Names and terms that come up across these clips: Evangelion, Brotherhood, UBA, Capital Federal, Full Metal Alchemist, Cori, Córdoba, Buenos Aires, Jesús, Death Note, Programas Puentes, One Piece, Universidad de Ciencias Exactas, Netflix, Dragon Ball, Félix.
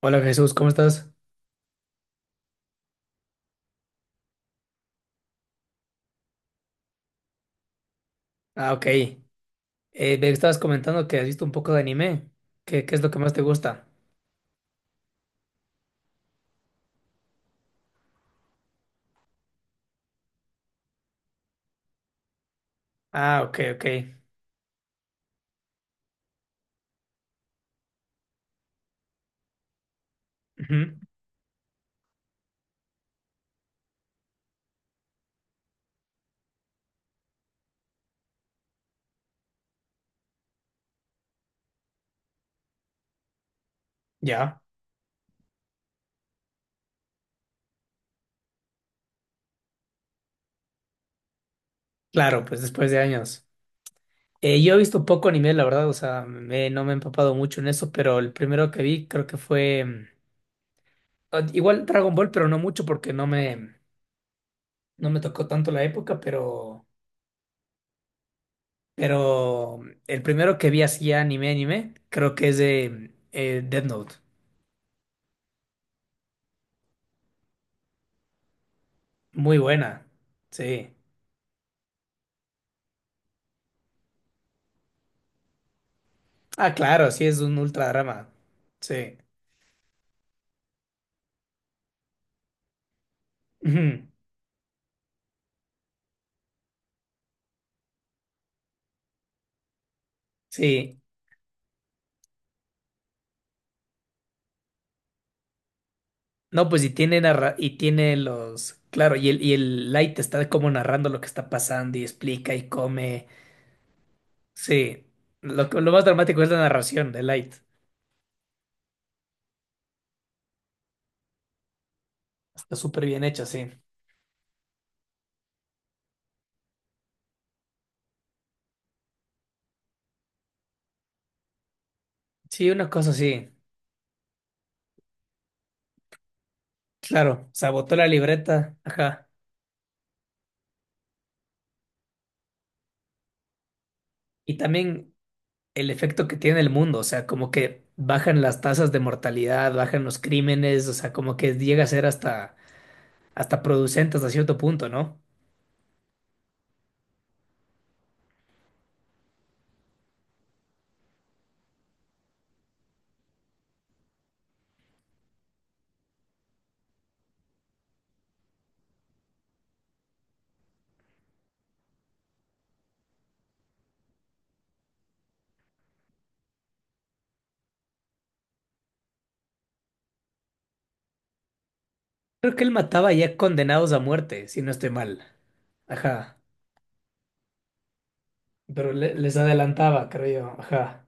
Hola Jesús, ¿cómo estás? Ah, ok. Me estabas comentando que has visto un poco de anime. ¿Qué es lo que más te gusta? Ah, ok, ok. Ujú. Ya, claro, pues después de años. Yo he visto poco anime, la verdad, o sea, no me he empapado mucho en eso, pero el primero que vi creo que fue ah, igual Dragon Ball, pero no mucho porque no me, no me tocó tanto la época, pero mm, el primero que vi así anime, creo que es de Death Note. Muy buena, sí. Ah, claro, sí, es un ultradrama. Sí. Ujú. Sí. No, pues y tiene narra y tiene los. Claro, y el Light está como narrando lo que está pasando y explica y come. Sí. Lo más dramático es la narración de Light. Está súper bien hecha, sí. Sí, una cosa sí. Claro, sabotó la libreta. Ajá. Y también el efecto que tiene el mundo. O sea, como que bajan las tasas de mortalidad, bajan los crímenes. O sea, como que llega a ser hasta, hasta producente hasta cierto punto, ¿no? Creo que él mataba ya condenados a muerte, si no estoy mal. Ajá. Pero les adelantaba, creo yo. Ajá.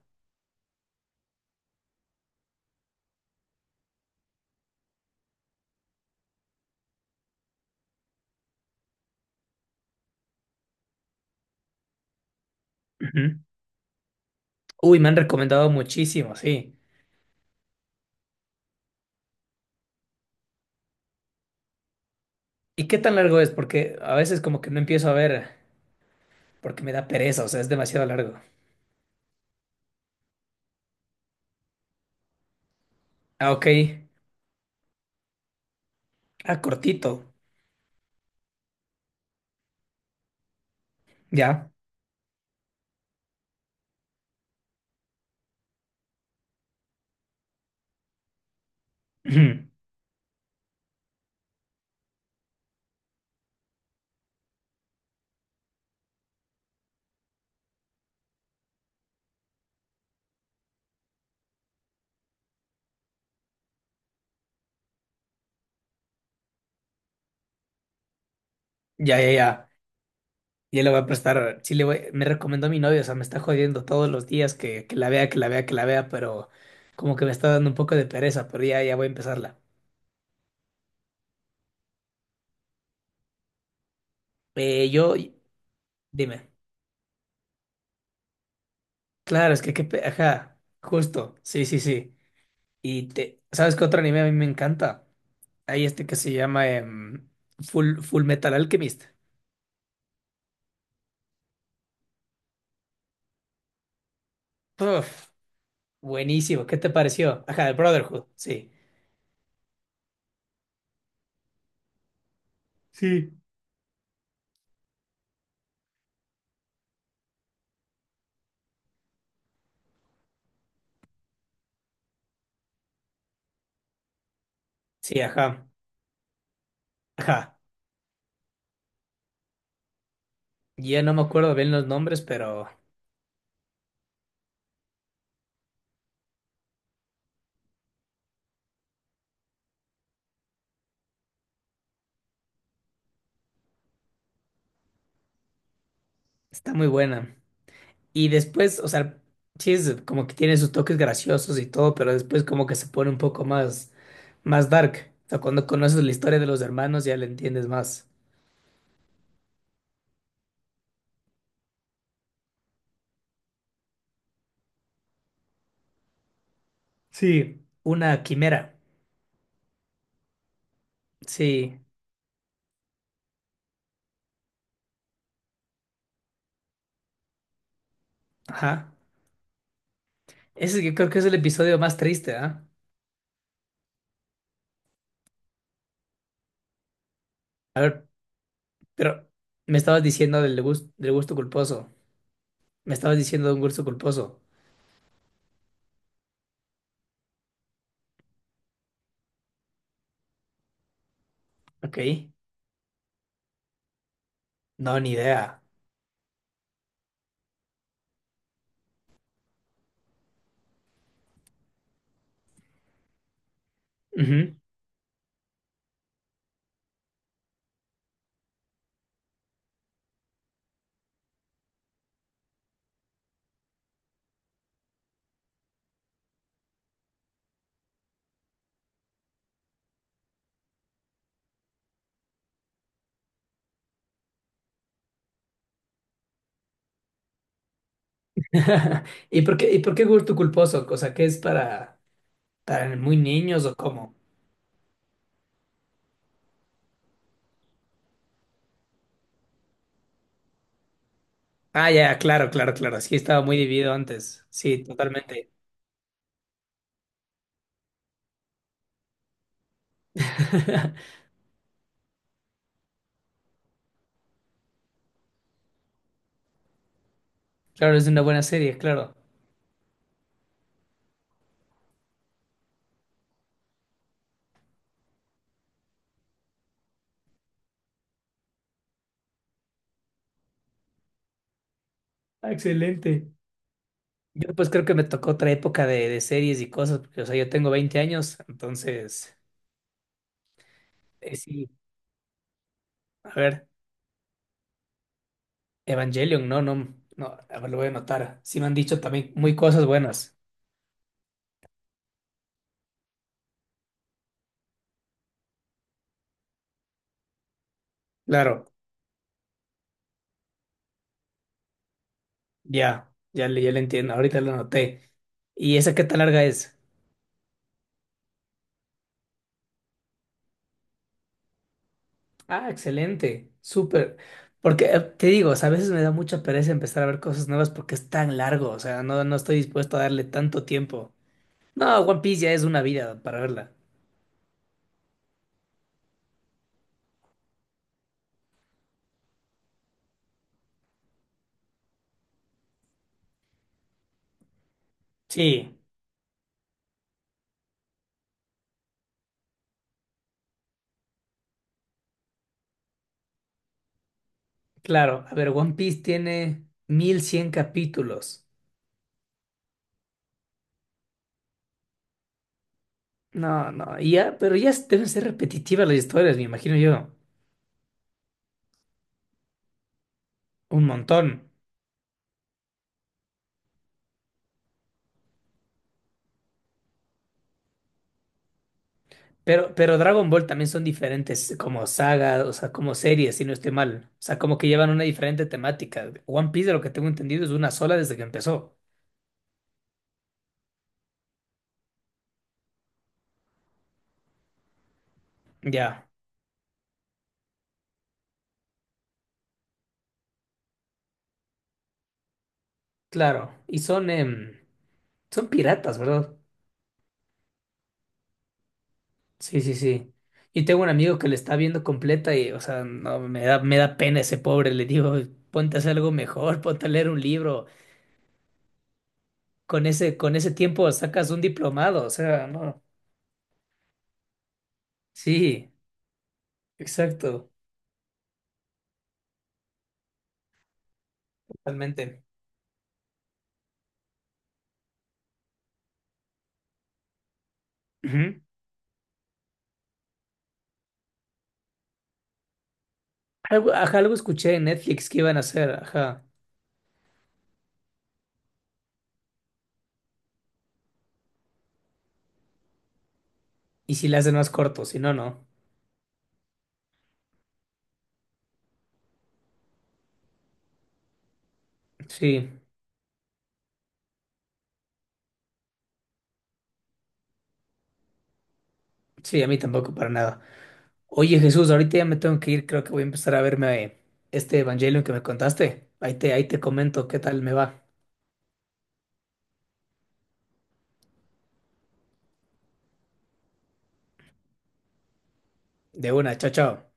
Ujú. Uy, me han recomendado muchísimo, sí. ¿Y qué tan largo es? Porque a veces como que no empiezo a ver, porque me da pereza, o sea, es demasiado largo. Ah, ok. Ah, cortito. Ya. Ujú. Ya, ya, ya. Ya le voy a prestar. Sí, le voy. Me recomendó mi novio, o sea, me está jodiendo todos los días que la vea, que la vea, que la vea, pero como que me está dando un poco de pereza, pero ya, ya voy a empezarla. Eh, yo, dime. Claro, es que, ajá, justo, sí, sí, sí. Y te, ¿sabes qué otro anime a mí me encanta? Hay este que se llama Full Metal Alchemist. Uf, buenísimo, ¿qué te pareció? Ajá, el Brotherhood, sí. Sí, sí, ajá, ajá. Ya no me acuerdo bien los nombres, pero está muy buena. Y después, o sea, sí, es como que tiene sus toques graciosos y todo, pero después como que se pone un poco más, más dark. O sea, cuando conoces la historia de los hermanos ya la entiendes más. Sí, una quimera. Sí, ajá. Ese yo creo que es el episodio más triste, ¿ah? A ver, pero me estabas diciendo del gusto culposo. Me estabas diciendo de un gusto culposo. Ok. No, ni idea. Ujú. ¿Y por qué gusto culposo? O sea, ¿qué es para muy niños o cómo? Ah, ya, claro, claro, claro. Sí, estaba muy dividido antes. Sí, totalmente. Claro, es una buena serie, claro. Ah, excelente. Yo pues creo que me tocó otra época de series y cosas, porque o sea, yo tengo 20 años, entonces, sí, a ver, Evangelion, no, no, no, a ver, lo voy a anotar. Sí me han dicho también muy cosas buenas. Claro, ya, ya le entiendo, ahorita lo anoté. ¿Y esa qué tan larga es? Ah, excelente, súper. Porque te digo, o sea, a veces me da mucha pereza empezar a ver cosas nuevas porque es tan largo, o sea, no, no estoy dispuesto a darle tanto tiempo. No, One Piece ya es una vida para verla. Sí. Claro, a ver, One Piece tiene 1.100 capítulos. No, y ya, pero ya s- deben ser repetitivas las historias, me imagino yo. Un montón. Pero Dragon Ball también son diferentes como saga, o sea, como series, si no estoy mal. O sea, como que llevan una diferente temática. One Piece, de lo que tengo entendido, es una sola desde que empezó. Ya, claro. Y son, em, son piratas, ¿verdad? Sí, sí, sí. Y tengo un amigo que le está viendo completa y, o sea, no, me da pena ese pobre. Le digo, ponte a hacer algo mejor, ponte a leer un libro. Con ese tiempo sacas un diplomado, o sea, no. Sí, exacto, totalmente. Ujú. Algo, ajá, algo escuché en Netflix que iban a hacer, ajá. Y si le hacen más corto, si no, no. Sí, sí, a mí tampoco para nada. Oye, Jesús, ahorita ya me tengo que ir, creo que voy a empezar a verme este Evangelio que me contaste. Ahí te comento qué tal me va. De una, chao, chao.